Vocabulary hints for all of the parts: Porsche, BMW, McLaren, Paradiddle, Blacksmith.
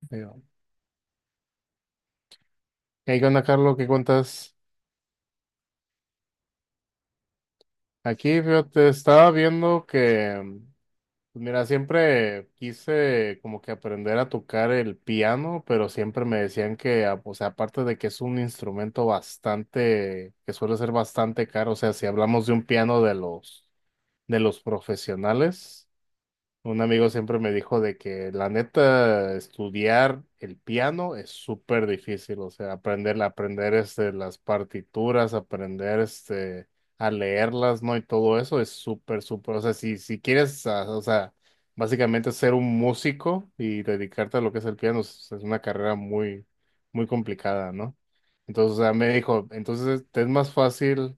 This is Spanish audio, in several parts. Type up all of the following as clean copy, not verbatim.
Digo, ¿Qué onda, Carlos? ¿Qué cuentas? Aquí, fíjate, estaba viendo pues, mira, siempre quise como que aprender a tocar el piano, pero siempre me decían que, o sea, aparte de que es un instrumento bastante, que suele ser bastante caro, o sea, si hablamos de un piano de los profesionales. Un amigo siempre me dijo de que la neta estudiar el piano es súper difícil, o sea, aprender las partituras, aprender a leerlas, ¿no? Y todo eso es súper, o sea, si quieres, o sea, básicamente ser un músico y dedicarte a lo que es el piano, es una carrera muy complicada, ¿no? Entonces, o sea, me dijo, entonces te es más fácil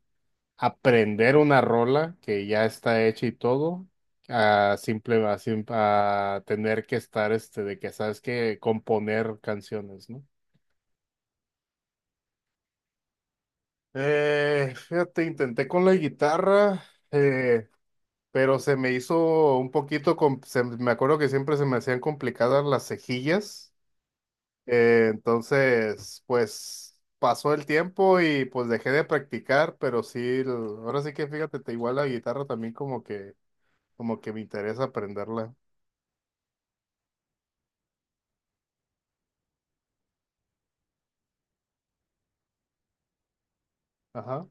aprender una rola que ya está hecha y todo, a simple, a, sim- a tener que estar este de que sabes que componer canciones, ¿no? Fíjate, intenté con la guitarra. eh, pero se me hizo un poquito, me acuerdo que siempre se me hacían complicadas las cejillas. Entonces, pues pasó el tiempo y pues dejé de practicar, pero sí, ahora sí que fíjate, te igual la guitarra también como que, como que, me interesa aprenderla. Ajá.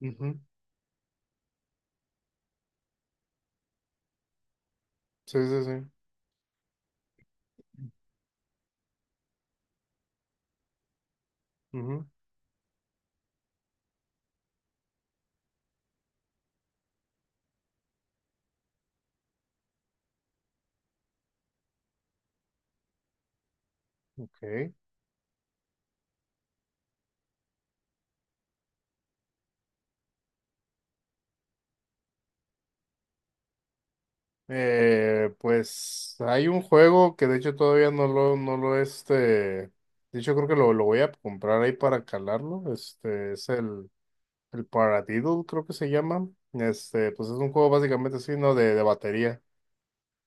Ujú. Sí, sí, sí. Ujú. Ok. Pues hay un juego que de hecho todavía no no lo este. De hecho, creo que lo voy a comprar ahí para calarlo. Este es el Paradiddle, creo que se llama. Este, pues es un juego básicamente así, ¿no? De batería.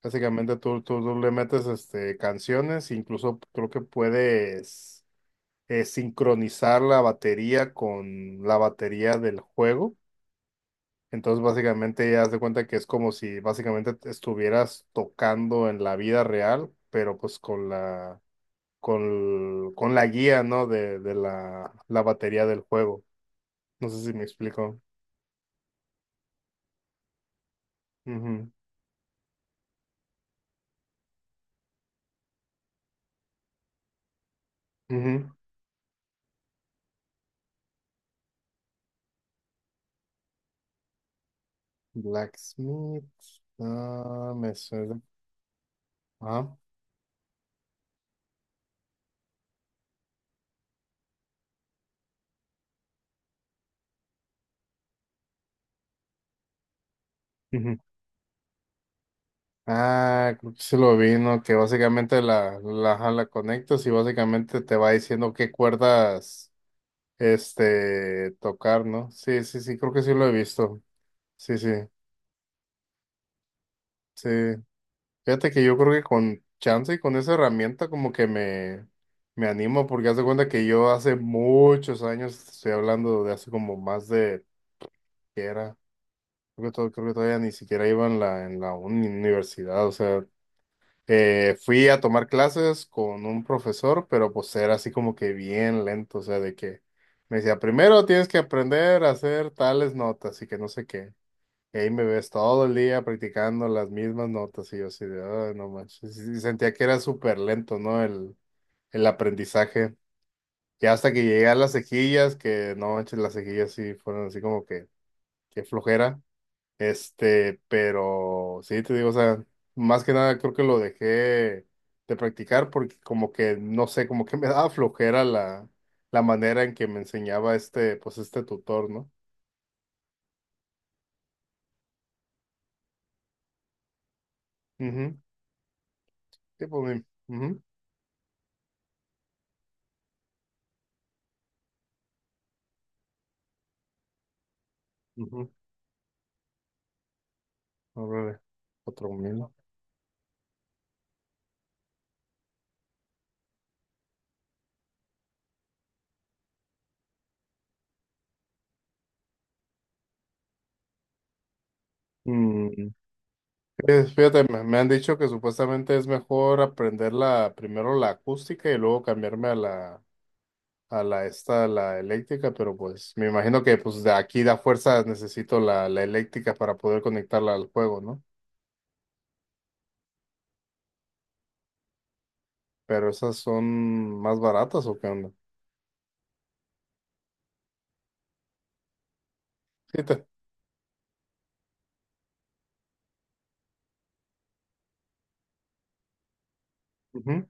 Básicamente tú le metes este, canciones, incluso creo que puedes sincronizar la batería con la batería del juego. Entonces, básicamente, ya haz de cuenta que es como si básicamente te estuvieras tocando en la vida real, pero pues con con la guía, ¿no? De la batería del juego. No sé si me explico. Ujú, ujú. Blacksmith. Ah, me suena. Ah, ujú. Ah, creo que se lo vi, ¿no? Que básicamente ajá, la conectas y básicamente te va diciendo qué cuerdas este tocar, ¿no? Sí, sí, sí, creo que sí lo he visto. Sí, sí, sí. Fíjate que yo creo que con chance y con esa herramienta como que me animo porque haz de cuenta que yo hace muchos años, te estoy hablando de hace como más de que era, creo que, creo que todavía ni siquiera iba en en la universidad, o sea, fui a tomar clases con un profesor, pero pues era así como que bien lento, o sea, de que me decía, primero tienes que aprender a hacer tales notas y que no sé qué. Y ahí me ves todo el día practicando las mismas notas y yo así de, "Ay, no manches". Y sentía que era súper lento, ¿no? El aprendizaje. Y hasta que llegué a las cejillas, que no manches, las cejillas sí fueron así como que, qué flojera. Este, pero sí, te digo, o sea, más que nada creo que lo dejé de practicar porque como que, no sé, como que me daba flojera la manera en que me enseñaba este, pues este tutor, ¿no? Ujú. Sí, pues, ujú. Ujú. A ver, 4000. Mm, pues, fíjate, me han dicho que supuestamente es mejor aprender primero la acústica y luego cambiarme a a la esta, a la eléctrica, pero pues me imagino que pues de aquí da fuerza necesito la eléctrica para poder conectarla al juego, ¿no? ¿Pero esas son más baratas o qué onda? Sí, te- ujú.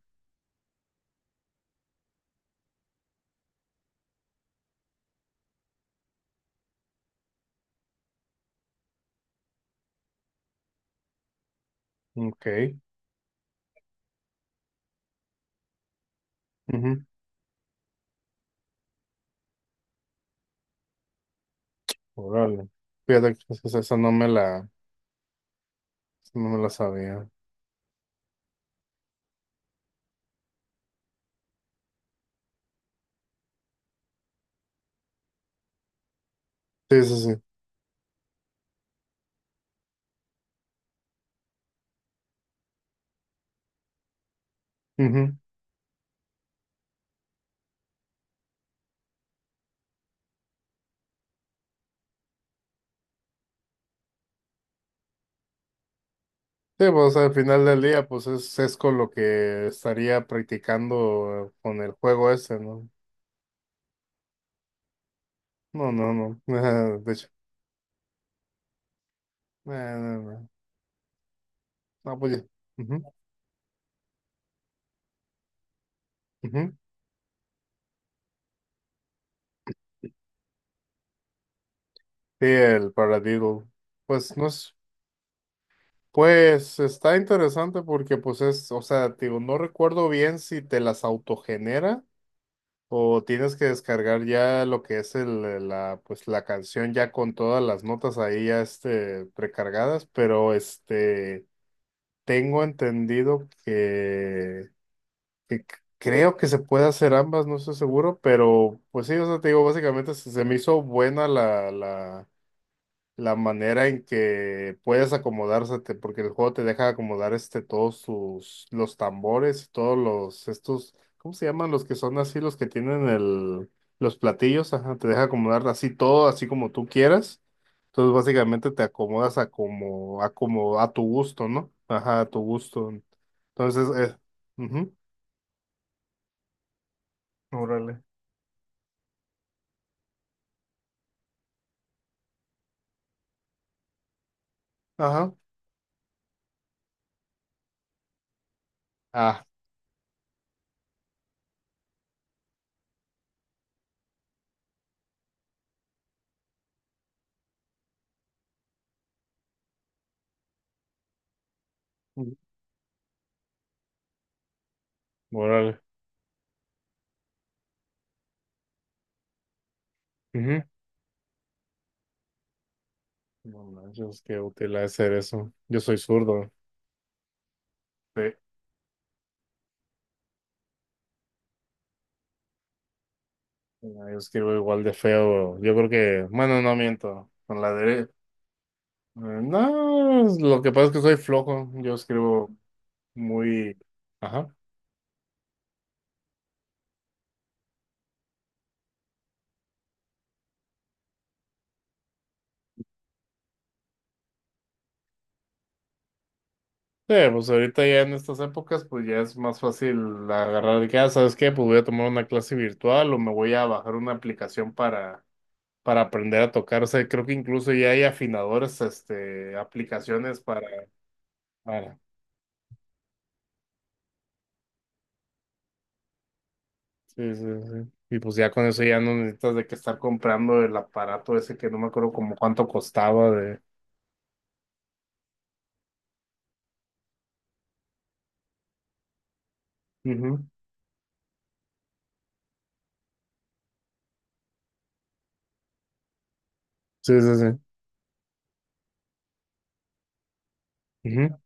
Ok. Ujú. Órale. Fíjate que esa no me la esa no me la sabía. Sí, sí, sí. Ujú. Sí, pues al final del día, pues es con lo que estaría practicando con el juego ese, ¿no? No, no, no. De hecho, no, no. No, pues ya. Ujú, ujú. Sí, el Paradiddle. Pues no es, pues está interesante porque pues es, o sea, te digo, no recuerdo bien si te las autogenera o tienes que descargar ya lo que es pues la canción ya con todas las notas ahí ya este precargadas, pero este tengo entendido que, creo que se puede hacer ambas, no estoy seguro, pero pues sí, o sea, te digo, básicamente se me hizo buena la manera en que puedes acomodársete, porque el juego te deja acomodar este, todos los tambores, todos los, estos, ¿cómo se llaman? Los que son así, los que tienen el, los platillos, ajá, te deja acomodar así todo, así como tú quieras. Entonces básicamente te acomodas a como, a tu gusto, ¿no? Ajá, a tu gusto. Entonces, ujú. Órale. Ajá. Ah. Ujú. Órale. Ujú. No manches, qué útil ha de ser eso. Yo soy zurdo. Sí. Mira, yo escribo igual de feo. Yo creo que, bueno, no miento. Con la derecha. No, es- lo que pasa es que soy flojo. Yo escribo muy. Ajá. Sí, pues ahorita ya en estas épocas, pues ya es más fácil agarrar de que, ah, ¿sabes qué? Pues voy a tomar una clase virtual o me voy a bajar una aplicación para aprender a tocar. O sea, creo que incluso ya hay afinadores, este, aplicaciones para. Sí, sí, sí. Y pues ya con eso ya no necesitas de que estar comprando el aparato ese que no me acuerdo como cuánto costaba de. Ujú. Sí, sí, sí. Ujú.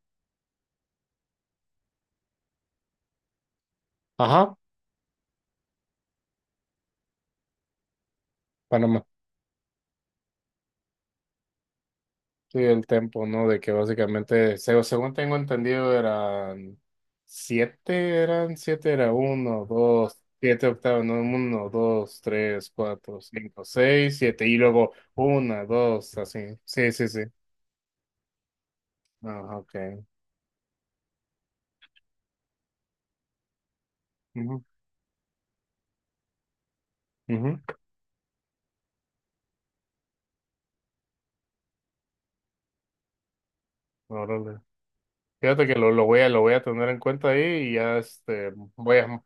Ajá, Panamá. Sí, el tempo, ¿no? De que básicamente, según tengo entendido, eran eran siete, era uno, dos, siete octavos, no, uno, dos, tres, cuatro, cinco, seis, siete, y luego una, dos, así. Sí, sí, sí. Ah, ok. Ujú, ujú. Órale. Fíjate que lo voy a tener en cuenta ahí y ya este voy a,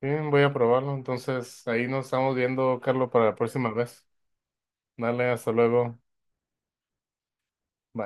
sí, voy a probarlo. Entonces, ahí nos estamos viendo, Carlos, para la próxima vez. Dale, hasta luego. Bye.